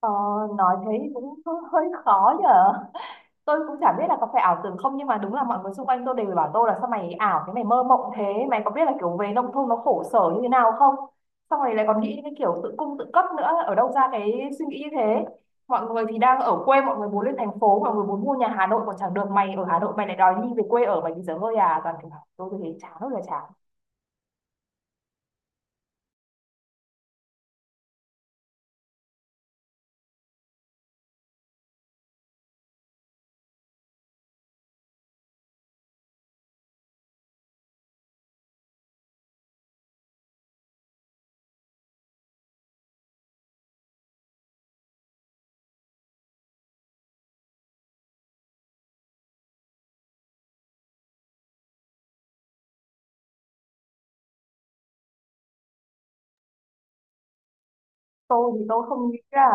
Ờ, nói thế thì cũng hơi khó nhở, tôi cũng chả biết là có phải ảo tưởng không, nhưng mà đúng là mọi người xung quanh tôi đều bảo tôi là sao mày ảo thế, mày mơ mộng thế, mày có biết là kiểu về nông thôn nó khổ sở như thế nào không, xong rồi lại còn nghĩ đến cái kiểu tự cung tự cấp nữa, ở đâu ra cái suy nghĩ như thế. Mọi người thì đang ở quê, mọi người muốn lên thành phố, mọi người muốn mua nhà Hà Nội còn chẳng được, mày ở Hà Nội mày lại đòi đi về quê ở, mày bây giờ hơi à toàn kiểu bảo tôi thì thấy chán ơi là chán. Tôi thì tôi không nghĩ ra.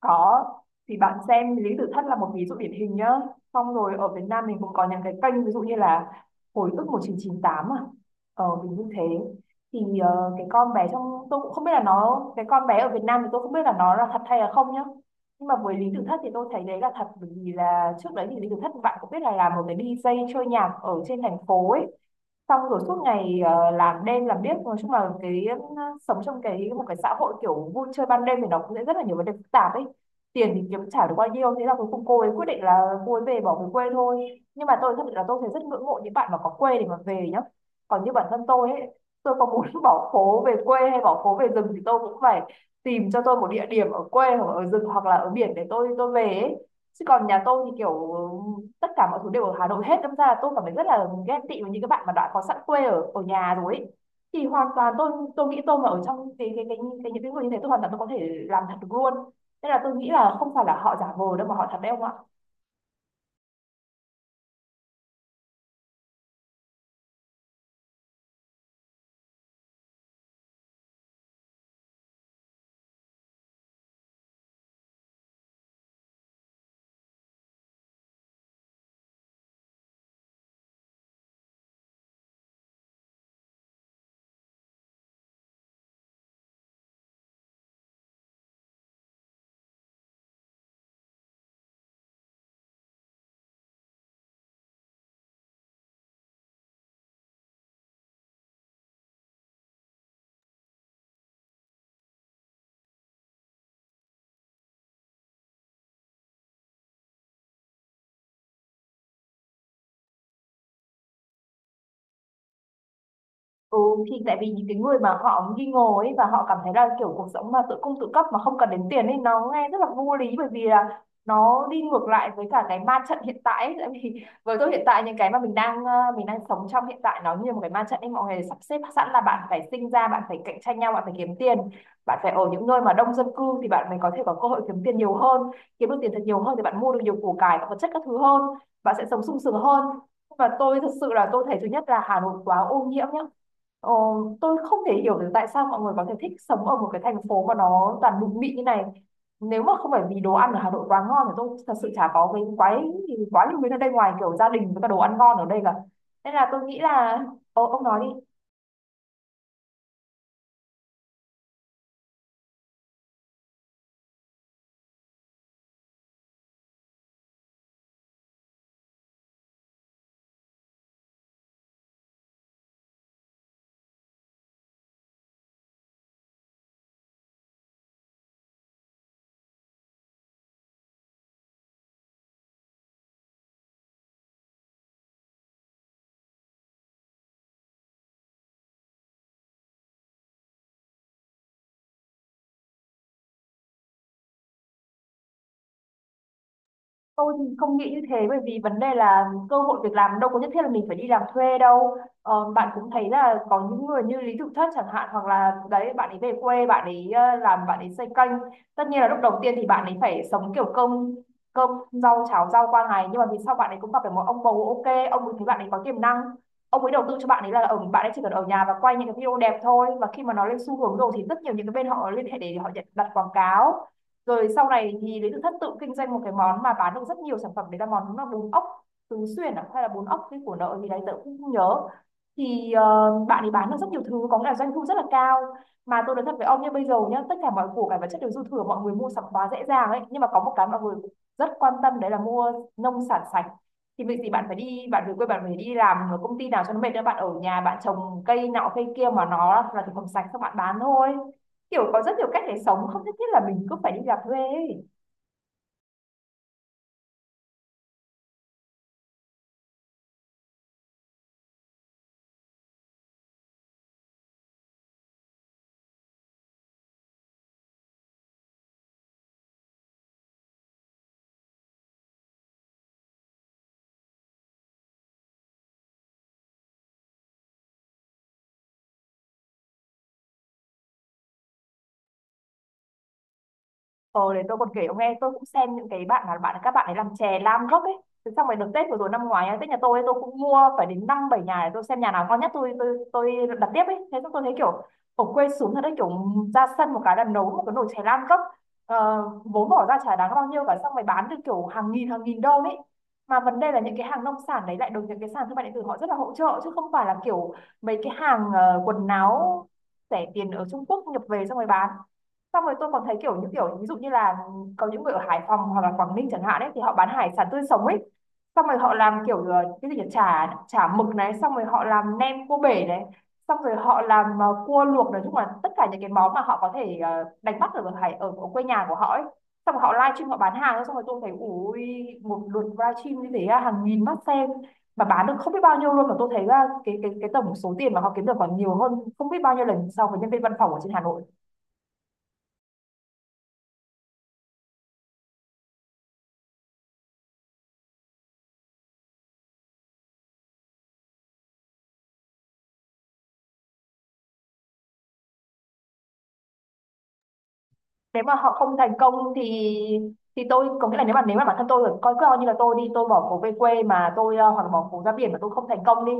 Có, thì bạn xem Lý Tử Thất là một ví dụ điển hình nhá. Xong rồi ở Việt Nam mình cũng có những cái kênh ví dụ như là Hồi ức 1998 à. Mình như thế. Thì cái con bé trong, tôi cũng không biết là nó, cái con bé ở Việt Nam thì tôi không biết là nó là thật hay là không nhá. Nhưng mà với Lý Tử Thất thì tôi thấy đấy là thật, bởi vì là trước đấy thì Lý Tử Thất bạn cũng biết là làm một cái đi DJ chơi nhạc ở trên thành phố ấy. Xong rồi suốt ngày làm đêm làm điếc, nói chung là cái sống trong một cái xã hội kiểu vui chơi ban đêm thì nó cũng sẽ rất là nhiều vấn đề phức tạp ấy, tiền thì kiếm chả được bao nhiêu, thế là cuối cùng cô ấy quyết định là cô ấy về bỏ về quê thôi. Nhưng mà tôi thật sự là tôi thấy rất ngưỡng mộ những bạn mà có quê để mà về nhá. Còn như bản thân tôi ấy, tôi có muốn bỏ phố về quê hay bỏ phố về rừng thì tôi cũng phải tìm cho tôi một địa điểm ở quê hoặc ở rừng hoặc là ở biển để tôi về ấy. Chứ còn nhà tôi thì kiểu tất cả mọi thứ đều ở Hà Nội hết, đâm ra là tôi cảm thấy rất là ghen tị với những cái bạn mà đã có sẵn quê ở ở nhà rồi ấy. Thì hoàn toàn tôi nghĩ tôi mà ở trong cái những cái người như thế, tôi hoàn toàn tôi có thể làm thật được luôn, nên là tôi nghĩ là không phải là họ giả vờ đâu mà họ thật đấy ông ạ. Ừ, thì tại vì những cái người mà họ nghi ngờ ấy và họ cảm thấy là kiểu cuộc sống mà tự cung tự cấp mà không cần đến tiền ấy nó nghe rất là vô lý, bởi vì là nó đi ngược lại với cả cái ma trận hiện tại ấy. Tại vì với tôi hiện tại những cái mà mình đang mình đang sống trong hiện tại nó như một cái ma trận ấy, mọi người sắp xếp sẵn là bạn phải sinh ra, bạn phải cạnh tranh nhau, bạn phải kiếm tiền, bạn phải ở những nơi mà đông dân cư thì bạn mới có thể có cơ hội kiếm tiền nhiều hơn, kiếm được tiền thật nhiều hơn thì bạn mua được nhiều củ cải và vật chất các thứ hơn, bạn sẽ sống sung sướng hơn. Và tôi thật sự là tôi thấy thứ nhất là Hà Nội quá ô nhiễm nhá. Ờ, tôi không thể hiểu được tại sao mọi người có thể thích sống ở một cái thành phố mà nó toàn bụi mịn như này. Nếu mà không phải vì đồ ăn ở Hà Nội quá ngon thì tôi thật sự chả có cái quái quá nhiều thứ ở đây, ngoài kiểu gia đình với cả đồ ăn ngon ở đây cả. Nên là tôi nghĩ là ông nói đi. Tôi thì không nghĩ như thế, bởi vì vấn đề là cơ hội việc làm đâu có nhất thiết là mình phải đi làm thuê đâu. Bạn cũng thấy là có những người như Lý Tự Thất chẳng hạn, hoặc là đấy, bạn ấy về quê bạn ấy làm, bạn ấy xây kênh. Tất nhiên là lúc đầu tiên thì bạn ấy phải sống kiểu cơm cơm rau cháo rau qua ngày, nhưng mà vì sau bạn ấy cũng gặp được một ông bầu ok, ông ấy thấy bạn ấy có tiềm năng, ông ấy đầu tư cho bạn ấy là ở, bạn ấy chỉ cần ở nhà và quay những cái video đẹp thôi, và khi mà nó lên xu hướng rồi thì rất nhiều những cái bên họ liên hệ để họ nhận đặt quảng cáo. Rồi sau này thì Lý Tự Thất tự kinh doanh một cái món mà bán được rất nhiều sản phẩm, đấy là món là bún ốc tứ xuyên à? Hay là bún ốc cái của nợ thì đấy tớ cũng không nhớ. Thì bạn ấy bán được rất nhiều thứ, có nghĩa là doanh thu rất là cao. Mà tôi nói thật với ông nhé, bây giờ nhé, tất cả mọi củ cải vật chất đều dư thừa, mọi người mua sắm quá dễ dàng ấy, nhưng mà có một cái mọi người rất quan tâm đấy là mua nông sản sạch. Thì việc gì bạn phải đi, bạn về quê bạn phải đi làm ở công ty nào cho nó mệt nữa, bạn ở nhà bạn trồng cây nọ cây kia mà nó là thực phẩm sạch các bạn bán thôi. Kiểu có rất nhiều cách để sống, không nhất thiết là mình cứ phải đi làm thuê ấy. Ờ để tôi còn kể ông nghe, tôi cũng xem những cái bạn là bạn các bạn ấy làm chè lam gốc ấy. Thế xong rồi được Tết vừa rồi năm ngoái ấy, Tết nhà tôi ấy, tôi cũng mua phải đến năm bảy nhà để tôi xem nhà nào ngon nhất tôi tôi đặt tiếp ấy, thế xong tôi thấy kiểu ở quê xuống thật đấy, kiểu ra sân một cái là nấu một cái nồi chè lam gốc, vốn bỏ ra chả đáng bao nhiêu cả, xong rồi bán được kiểu hàng nghìn đô ấy. Mà vấn đề là những cái hàng nông sản đấy lại được những cái sàn thương mại điện tử họ rất là hỗ trợ, chứ không phải là kiểu mấy cái hàng quần áo rẻ tiền ở Trung Quốc nhập về xong rồi bán. Xong rồi tôi còn thấy kiểu những kiểu ví dụ như là có những người ở Hải Phòng hoặc là Quảng Ninh chẳng hạn ấy thì họ bán hải sản tươi sống ấy, xong rồi họ làm kiểu cái gì nhỉ, chả chả mực này, xong rồi họ làm nem cua bể này, xong rồi họ làm cua luộc, nói chung là tất cả những cái món mà họ có thể đánh bắt ở ở quê nhà của họ ấy. Xong rồi họ live stream họ bán hàng, xong rồi tôi thấy ui, một lượt live stream như thế à, hàng nghìn mắt xem mà bán được không biết bao nhiêu luôn, mà tôi thấy là cái tổng số tiền mà họ kiếm được còn nhiều hơn không biết bao nhiêu lần so với nhân viên văn phòng ở trên Hà Nội. Nếu mà họ không thành công thì tôi có nghĩa là nếu mà bản thân tôi coi coi như là tôi đi tôi bỏ phố về quê mà tôi hoặc là bỏ phố ra biển mà tôi không thành công đi,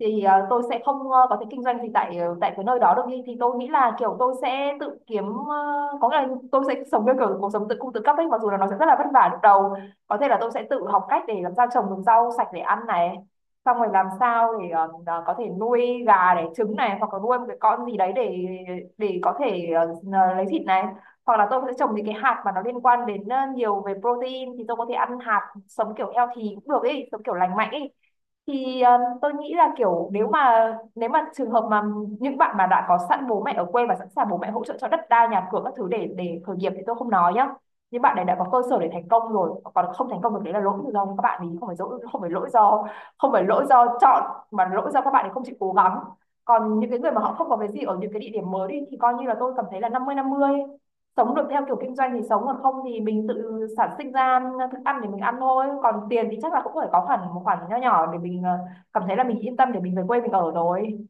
thì tôi sẽ không có thể kinh doanh gì tại tại cái nơi đó được đi, thì tôi nghĩ là kiểu tôi sẽ tự kiếm có nghĩa là tôi sẽ sống theo kiểu cuộc sống tự cung tự cấp ấy, mặc dù là nó sẽ rất là vất vả lúc đầu. Có thể là tôi sẽ tự học cách để làm sao trồng được rau sạch để ăn này, xong rồi làm sao để có thể nuôi gà để trứng này, hoặc là nuôi một cái con gì đấy để có thể lấy thịt này, hoặc là tôi sẽ trồng những cái hạt mà nó liên quan đến nhiều về protein thì tôi có thể ăn hạt sống kiểu healthy cũng được ấy, sống kiểu lành mạnh ấy. Thì tôi nghĩ là kiểu nếu mà trường hợp mà những bạn mà đã có sẵn bố mẹ ở quê và sẵn sàng bố mẹ hỗ trợ cho đất đai nhà cửa các thứ để khởi nghiệp thì tôi không nói nhá nhưng bạn này đã có cơ sở để thành công rồi, còn không thành công được đấy là lỗi do các bạn ấy. Không phải lỗi không phải lỗi do không phải lỗi do chọn mà lỗi do các bạn ấy không chịu cố gắng. Còn những cái người mà họ không có cái gì ở những cái địa điểm mới đi thì coi như là tôi cảm thấy là năm mươi năm mươi, sống được theo kiểu kinh doanh thì sống, còn không thì mình tự sản sinh ra thức ăn để mình ăn thôi. Còn tiền thì chắc là cũng phải có hẳn một khoản nho nhỏ để mình cảm thấy là mình yên tâm để mình về quê mình ở rồi.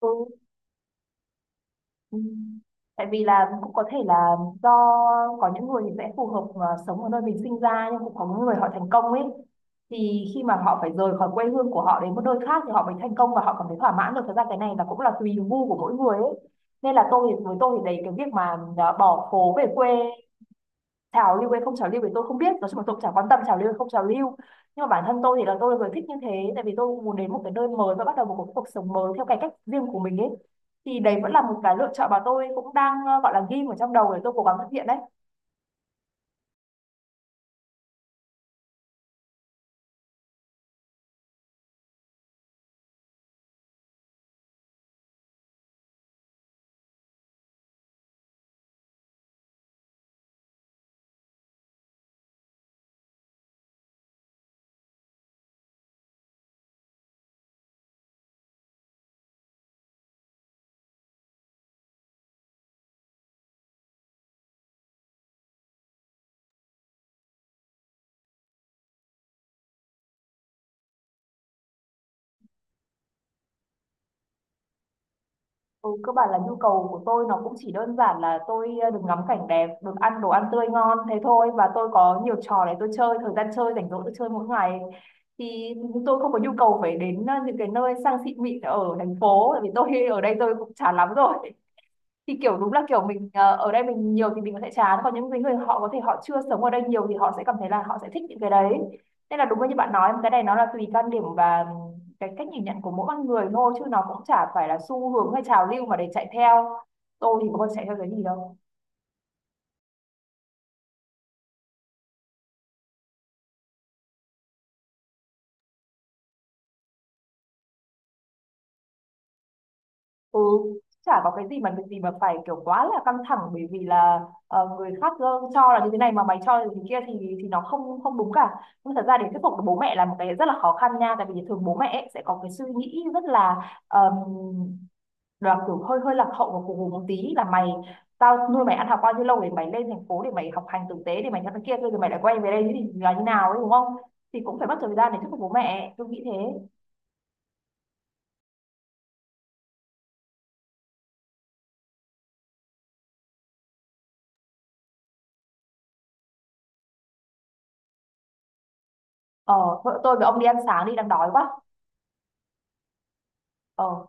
Ừ. Ừ. Tại vì là cũng có thể là do có những người thì sẽ phù hợp mà sống ở nơi mình sinh ra, nhưng cũng có những người họ thành công ấy thì khi mà họ phải rời khỏi quê hương của họ đến một nơi khác thì họ mới thành công và họ cảm thấy thỏa mãn được. Thật ra cái này là cũng là tùy gu của mỗi người ấy. Nên là tôi thì, với tôi thì đấy, cái việc mà à, bỏ phố về quê, trào lưu hay không trào lưu thì tôi không biết, nói chung là tôi cũng chẳng quan tâm trào lưu hay không trào lưu. Nhưng mà bản thân tôi thì là tôi là người thích như thế, tại vì tôi muốn đến một cái nơi mới và bắt đầu một cuộc cuộc sống mới theo cái cách riêng của mình ấy. Thì đấy vẫn là một cái lựa chọn mà tôi cũng đang gọi là ghim ở trong đầu để tôi cố gắng thực hiện đấy. Ừ, cơ bản là nhu cầu của tôi nó cũng chỉ đơn giản là tôi được ngắm cảnh đẹp, được ăn đồ ăn tươi ngon thế thôi, và tôi có nhiều trò để tôi chơi, thời gian chơi rảnh rỗi tôi chơi mỗi ngày. Thì tôi không có nhu cầu phải đến những cái nơi sang xịn mịn ở thành phố, tại vì tôi ở đây tôi cũng chán lắm rồi. Thì kiểu đúng là kiểu mình ở đây mình nhiều thì mình có thể chán, còn những cái người họ có thể họ chưa sống ở đây nhiều thì họ sẽ cảm thấy là họ sẽ thích những cái đấy. Nên là đúng như bạn nói, cái này nó là tùy quan điểm và cái cách nhìn nhận của mỗi con người thôi, chứ nó cũng chả phải là xu hướng hay trào lưu mà để chạy theo. Tôi thì có bao giờ chạy theo cái gì đâu. Ừ, chả có cái gì mà việc gì mà phải kiểu quá là căng thẳng, bởi vì là người khác cho là như thế này mà mày cho là như thế kia thì nó không không đúng cả. Nhưng thật ra để thuyết phục được bố mẹ là một cái rất là khó khăn nha, tại vì thường bố mẹ ấy sẽ có cái suy nghĩ rất um, là kiểu hơi hơi lạc hậu và cù hù một tí là mày, tao nuôi mày ăn học bao nhiêu lâu để mày lên thành phố để mày học hành tử tế để mày cho nó kia, rồi mày lại quay về đây thì là như nào ấy đúng không? Thì cũng phải mất thời gian để thuyết phục bố mẹ, tôi nghĩ thế. Ờ, vợ tôi với ông đi ăn sáng đi, đang đói quá. Ờ.